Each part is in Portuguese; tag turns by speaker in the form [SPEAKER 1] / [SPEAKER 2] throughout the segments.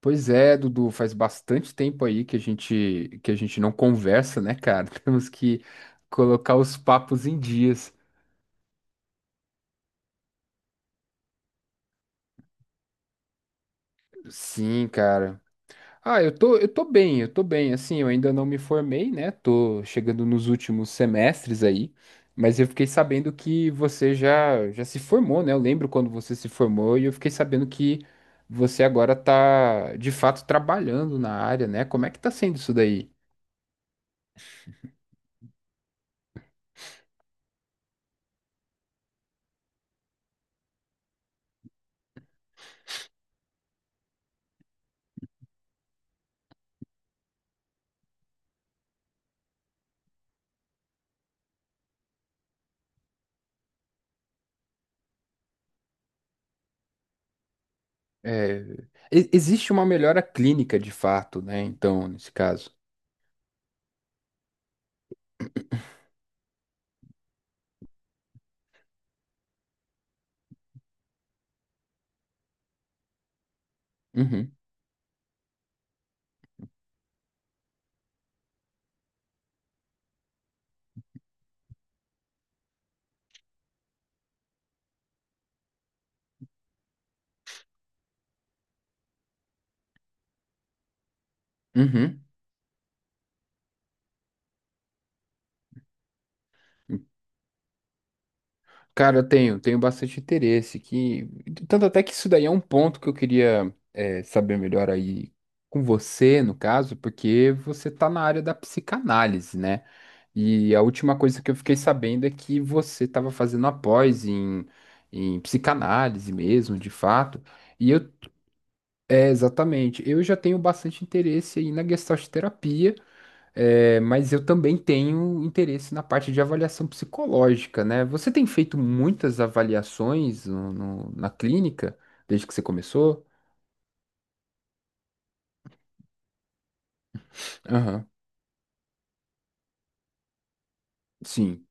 [SPEAKER 1] Pois é, Dudu, faz bastante tempo aí que a gente não conversa, né, cara? Temos que colocar os papos em dias. Sim, cara. Ah, eu tô bem, eu tô bem. Assim, eu ainda não me formei, né? Tô chegando nos últimos semestres aí, mas eu fiquei sabendo que você já se formou, né? Eu lembro quando você se formou e eu fiquei sabendo que você agora tá de fato trabalhando na área, né? Como é que tá sendo isso daí? É, existe uma melhora clínica de fato, né? Então, nesse caso. Uhum, uhum. Cara, eu tenho bastante interesse que tanto até que isso daí é um ponto que eu queria saber melhor aí com você, no caso, porque você tá na área da psicanálise, né? E a última coisa que eu fiquei sabendo é que você estava fazendo a pós em psicanálise mesmo, de fato. E eu, é, exatamente, eu já tenho bastante interesse aí na gestalt terapia. É, mas eu também tenho interesse na parte de avaliação psicológica, né? Você tem feito muitas avaliações na clínica desde que você começou? Aham, sim,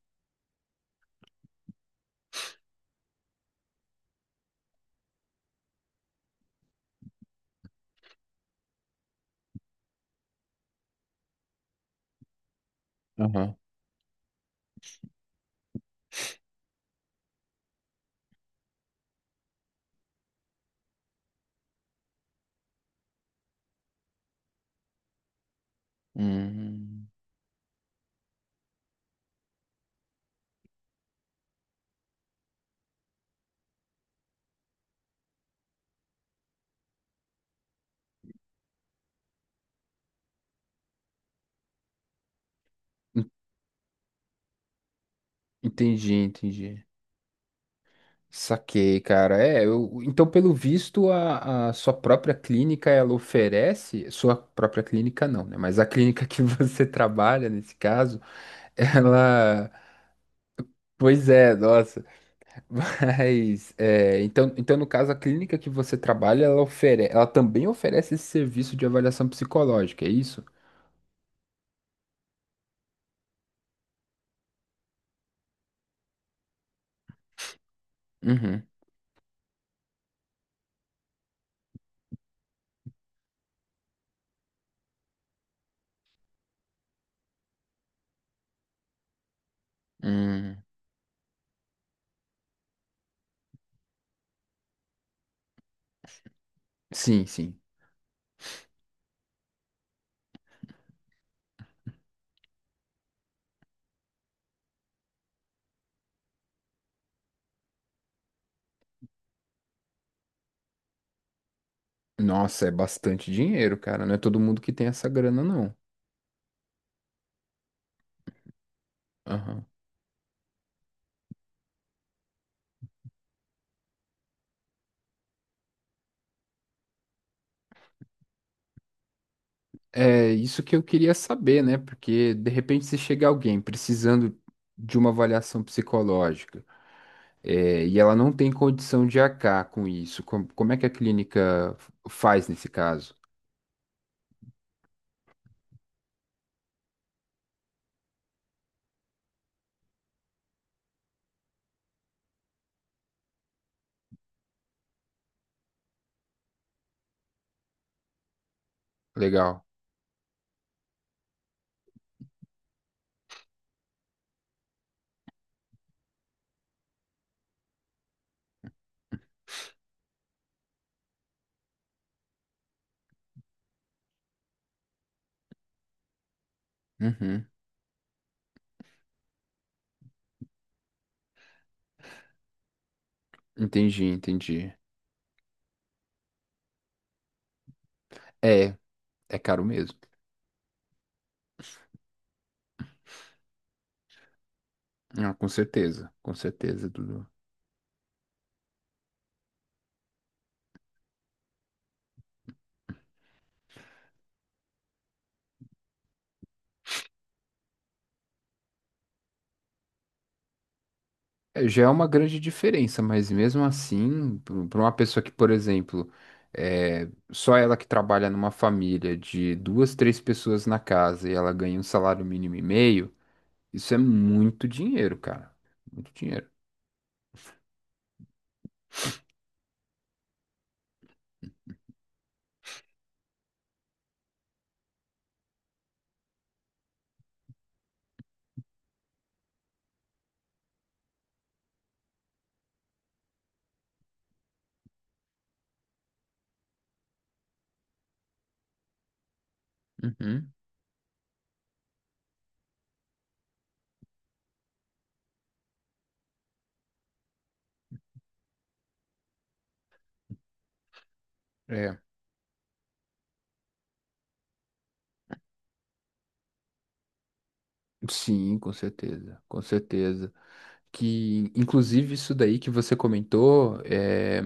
[SPEAKER 1] aham. Hum, en- entendi, entendi. Saquei, cara. É, então, pelo visto, a sua própria clínica ela oferece, sua própria clínica não, né? Mas a clínica que você trabalha, nesse caso, ela. Pois é, nossa. Mas, então, no caso, a clínica que você trabalha, ela também oferece esse serviço de avaliação psicológica, é isso? Uhum. Hum. Sim, sim. Nossa, é bastante dinheiro, cara. Não é todo mundo que tem essa grana, não. Aham. É isso que eu queria saber, né? Porque, de repente, se chega alguém precisando de uma avaliação psicológica, é, e ela não tem condição de arcar com isso, como é que a clínica faz nesse caso? Legal. Uhum. Entendi, entendi. É, é caro mesmo. Ah, com certeza, Dudu. É, já é uma grande diferença, mas mesmo assim, para uma pessoa que, por exemplo, só ela que trabalha numa família de duas, três pessoas na casa e ela ganha um salário mínimo e meio, isso é muito dinheiro, cara. Muito dinheiro. Uhum. É, sim, com certeza, com certeza. Que, inclusive, isso daí que você comentou, é.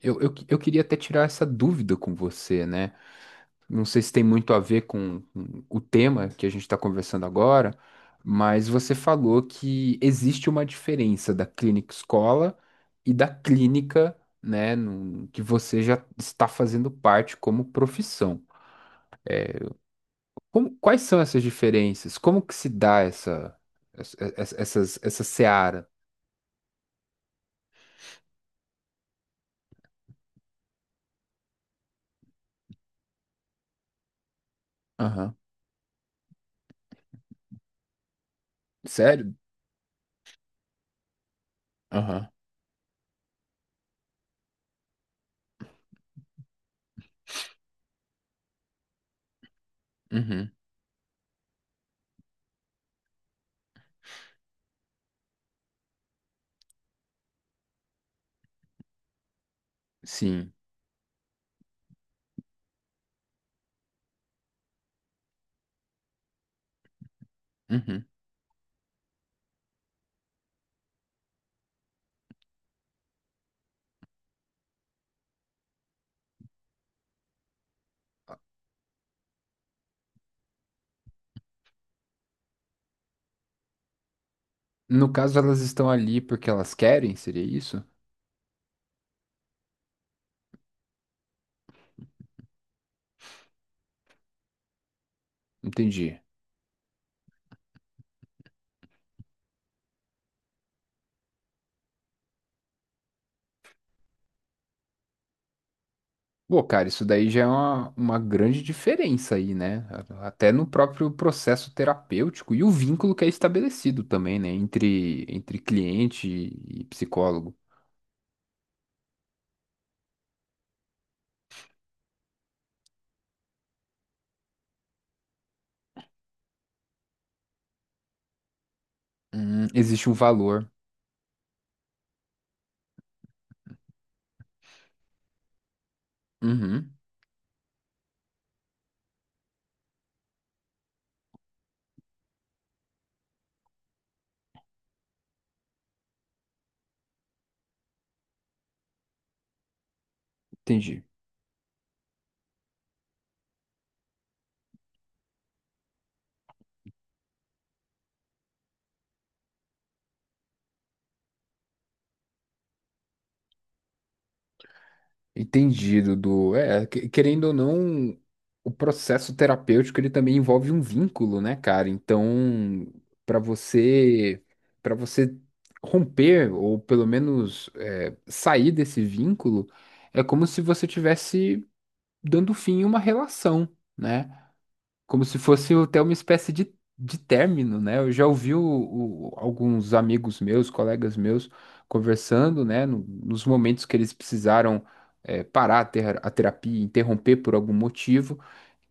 [SPEAKER 1] Eu queria até tirar essa dúvida com você, né? Não sei se tem muito a ver com o tema que a gente está conversando agora, mas você falou que existe uma diferença da clínica escola e da clínica, né, que você já está fazendo parte como profissão. Quais são essas diferenças? Como que se dá essa seara? Aham. Sério? Aham. Uhum. Sim. Uhum. No caso, elas estão ali porque elas querem, seria isso? Entendi. Pô, cara, isso daí já é uma grande diferença aí, né? Até no próprio processo terapêutico e o vínculo que é estabelecido também, né? Entre cliente e psicólogo. Existe um valor. Uhum, entendi. Entendido, do é, querendo ou não, o processo terapêutico ele também envolve um vínculo, né, cara? Então, para você, para você romper ou pelo menos sair desse vínculo, é como se você tivesse dando fim a uma relação, né? Como se fosse até uma espécie de término, né? Eu já ouvi alguns amigos meus, colegas meus, conversando, né? Nos momentos que eles precisaram parar a terapia, interromper por algum motivo,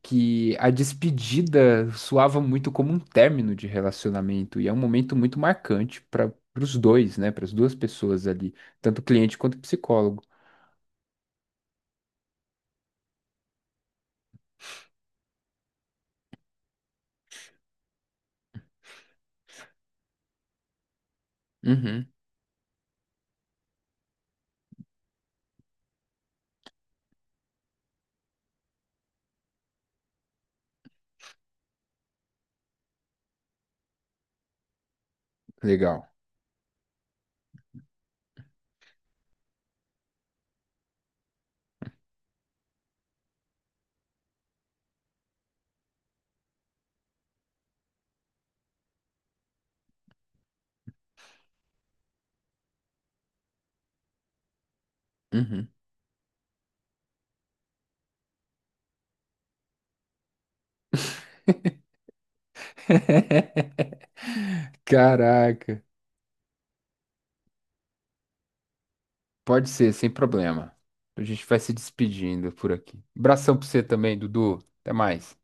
[SPEAKER 1] que a despedida soava muito como um término de relacionamento, e é um momento muito marcante para os dois, né? Para as duas pessoas ali, tanto o cliente quanto o psicólogo. Uhum, legal. Uhum. Caraca. Pode ser, sem problema. A gente vai se despedindo por aqui. Abração pra você também, Dudu. Até mais.